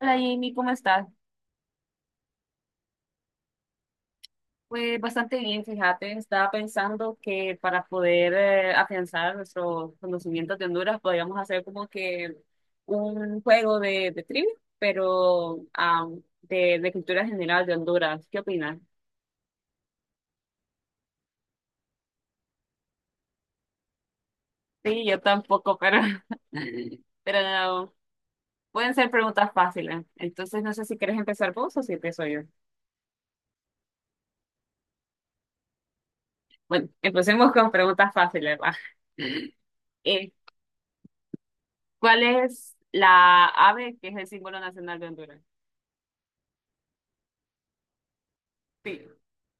Hola Jamie, ¿cómo estás? Pues bastante bien, fíjate, estaba pensando que para poder afianzar nuestros conocimientos de Honduras podríamos hacer como que un juego de trivia, pero de cultura general de Honduras. ¿Qué opinas? Sí, yo tampoco, pero, pero no, pueden ser preguntas fáciles. Entonces no sé si quieres empezar vos o si empiezo yo. Bueno, empecemos con preguntas fáciles, va. Eh, ¿cuál es la ave que es el símbolo nacional de Honduras? Sí,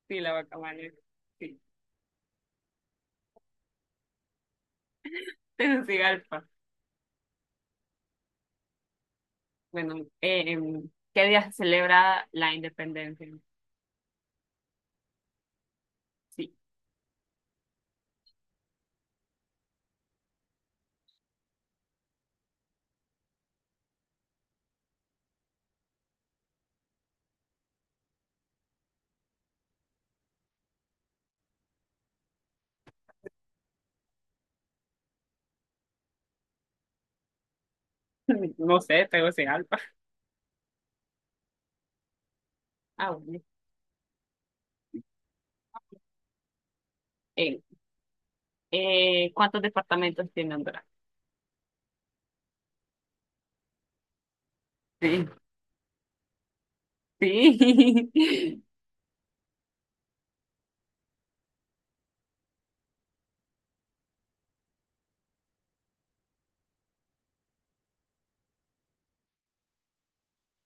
sí, la guacamaya. Sí, Tegucigalpa. Bueno, ¿qué día se celebra la independencia? Sí, no sé, Tegucigalpa. Ah, bueno. Eh, ¿Cuántos departamentos tiene Honduras? Sí, sí.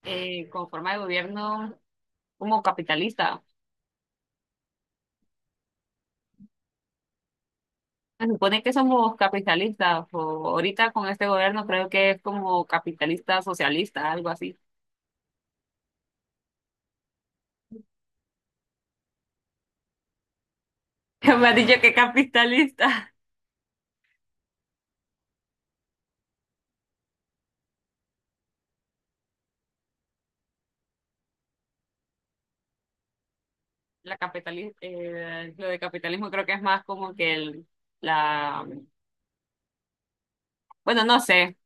Con forma de gobierno como capitalista. Se supone que somos capitalistas, o ahorita con este gobierno creo que es como capitalista socialista, algo así. Me ha dicho que capitalista. Lo de capitalismo creo que es más como que la, bueno, no sé.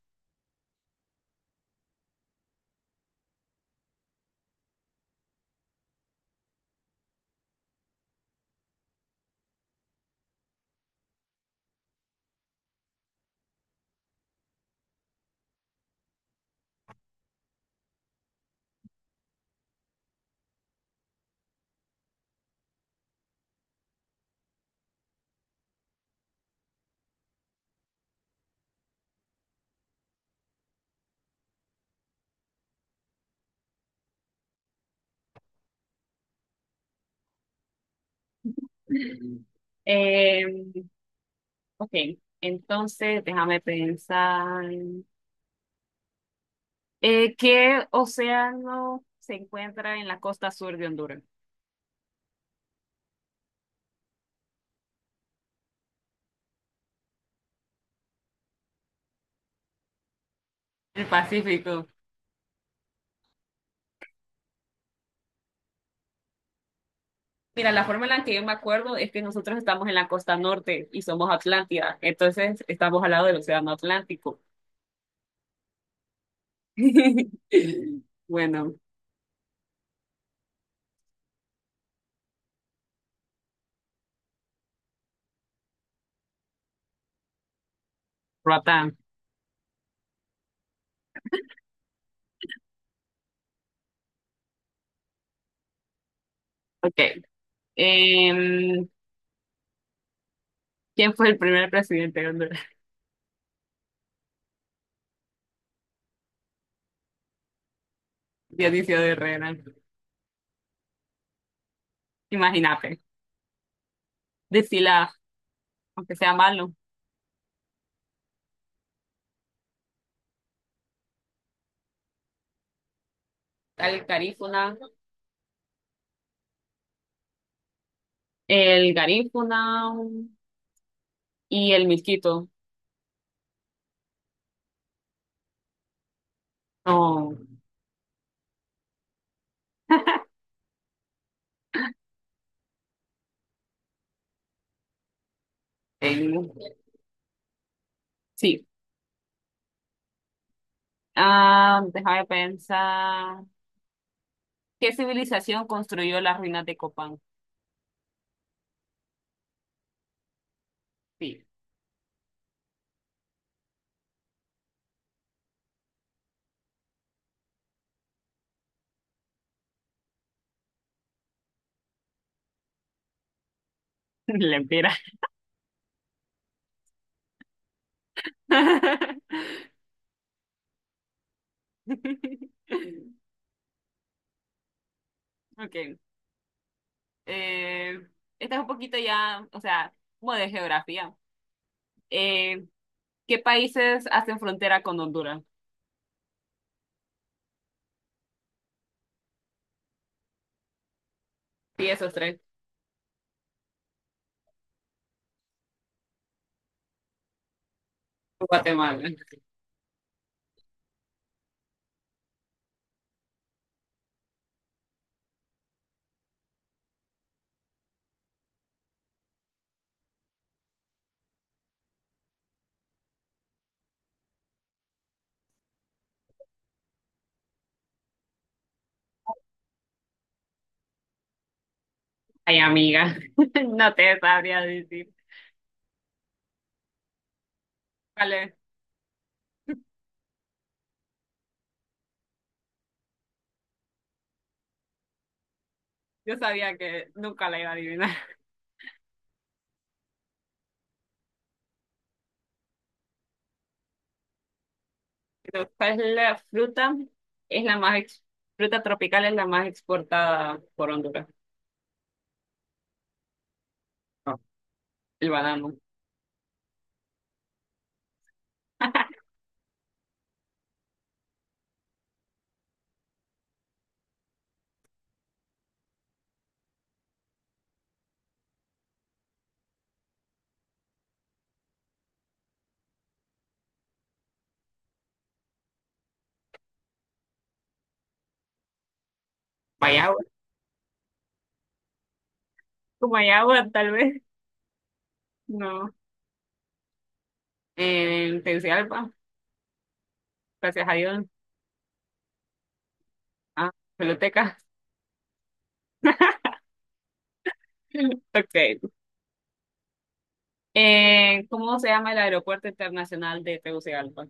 Eh, ok, entonces déjame pensar. ¿Qué océano se encuentra en la costa sur de Honduras? El Pacífico. Mira, la forma en la que yo me acuerdo es que nosotros estamos en la costa norte y somos Atlántida, entonces estamos al lado del océano Atlántico. Bueno, Roatán. Ok. Em, ¿Quién fue el primer presidente de Honduras? Dionisio de Herrera. Imagínate. Decila, aunque sea malo. El Garífuna. El Garífuna y el Milquito. No. El- Sí. Ah, déjame pensar. ¿Qué civilización construyó las ruinas de Copán? Sí. Lempira. Ok. Eh, esta es un poquito ya, o sea, como de geografía. Eh, ¿Qué países hacen frontera con Honduras? Sí, esos tres. Guatemala. Ay, amiga, no te sabría decir. Vale, yo sabía que nunca la iba a adivinar. Pero, ¿cuál es la fruta? Es la más ex- fruta tropical es la más exportada por Honduras. No, el banano. Guayaba. Guayaba, tal vez. No. En Tegucigalpa, gracias a Dios. Ah, peloteca. Ok. ¿Cómo se llama el aeropuerto internacional de Tegucigalpa?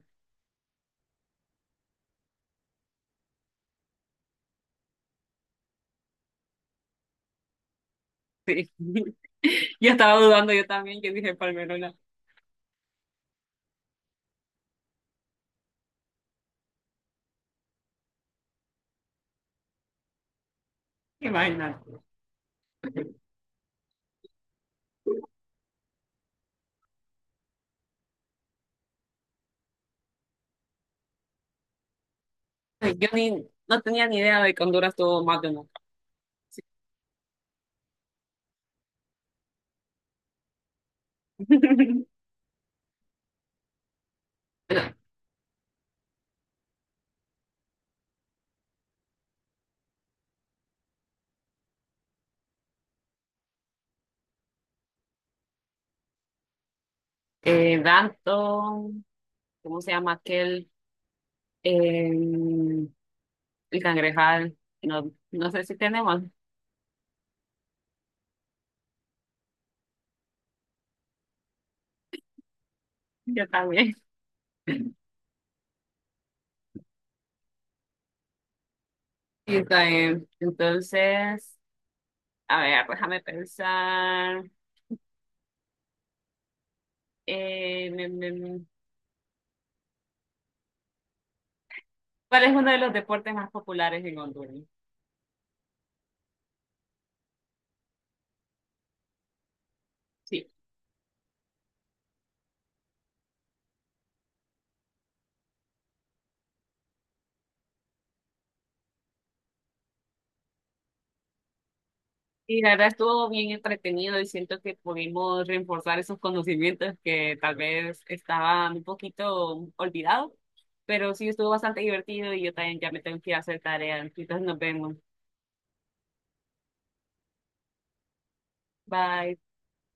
Sí. Yo estaba dudando yo también, yo dije Palmerola. Imagínate. Yo ni, no tenía ni idea de que Honduras tuvo más de una. Sí. Bueno, Danton, ¿cómo se llama aquel? Eh, el cangrejal. No, no sé si tenemos. Yo también. Y está bien. Entonces, a ver, déjame pensar. Eh, me- me- me- ¿Cuál es uno de los deportes más populares en Honduras? Sí. Y la verdad estuvo bien entretenido y siento que pudimos reforzar esos conocimientos que tal vez estaban un poquito olvidados, pero sí estuvo bastante divertido y yo también ya me tengo que ir a hacer tarea. Entonces nos vemos. Bye.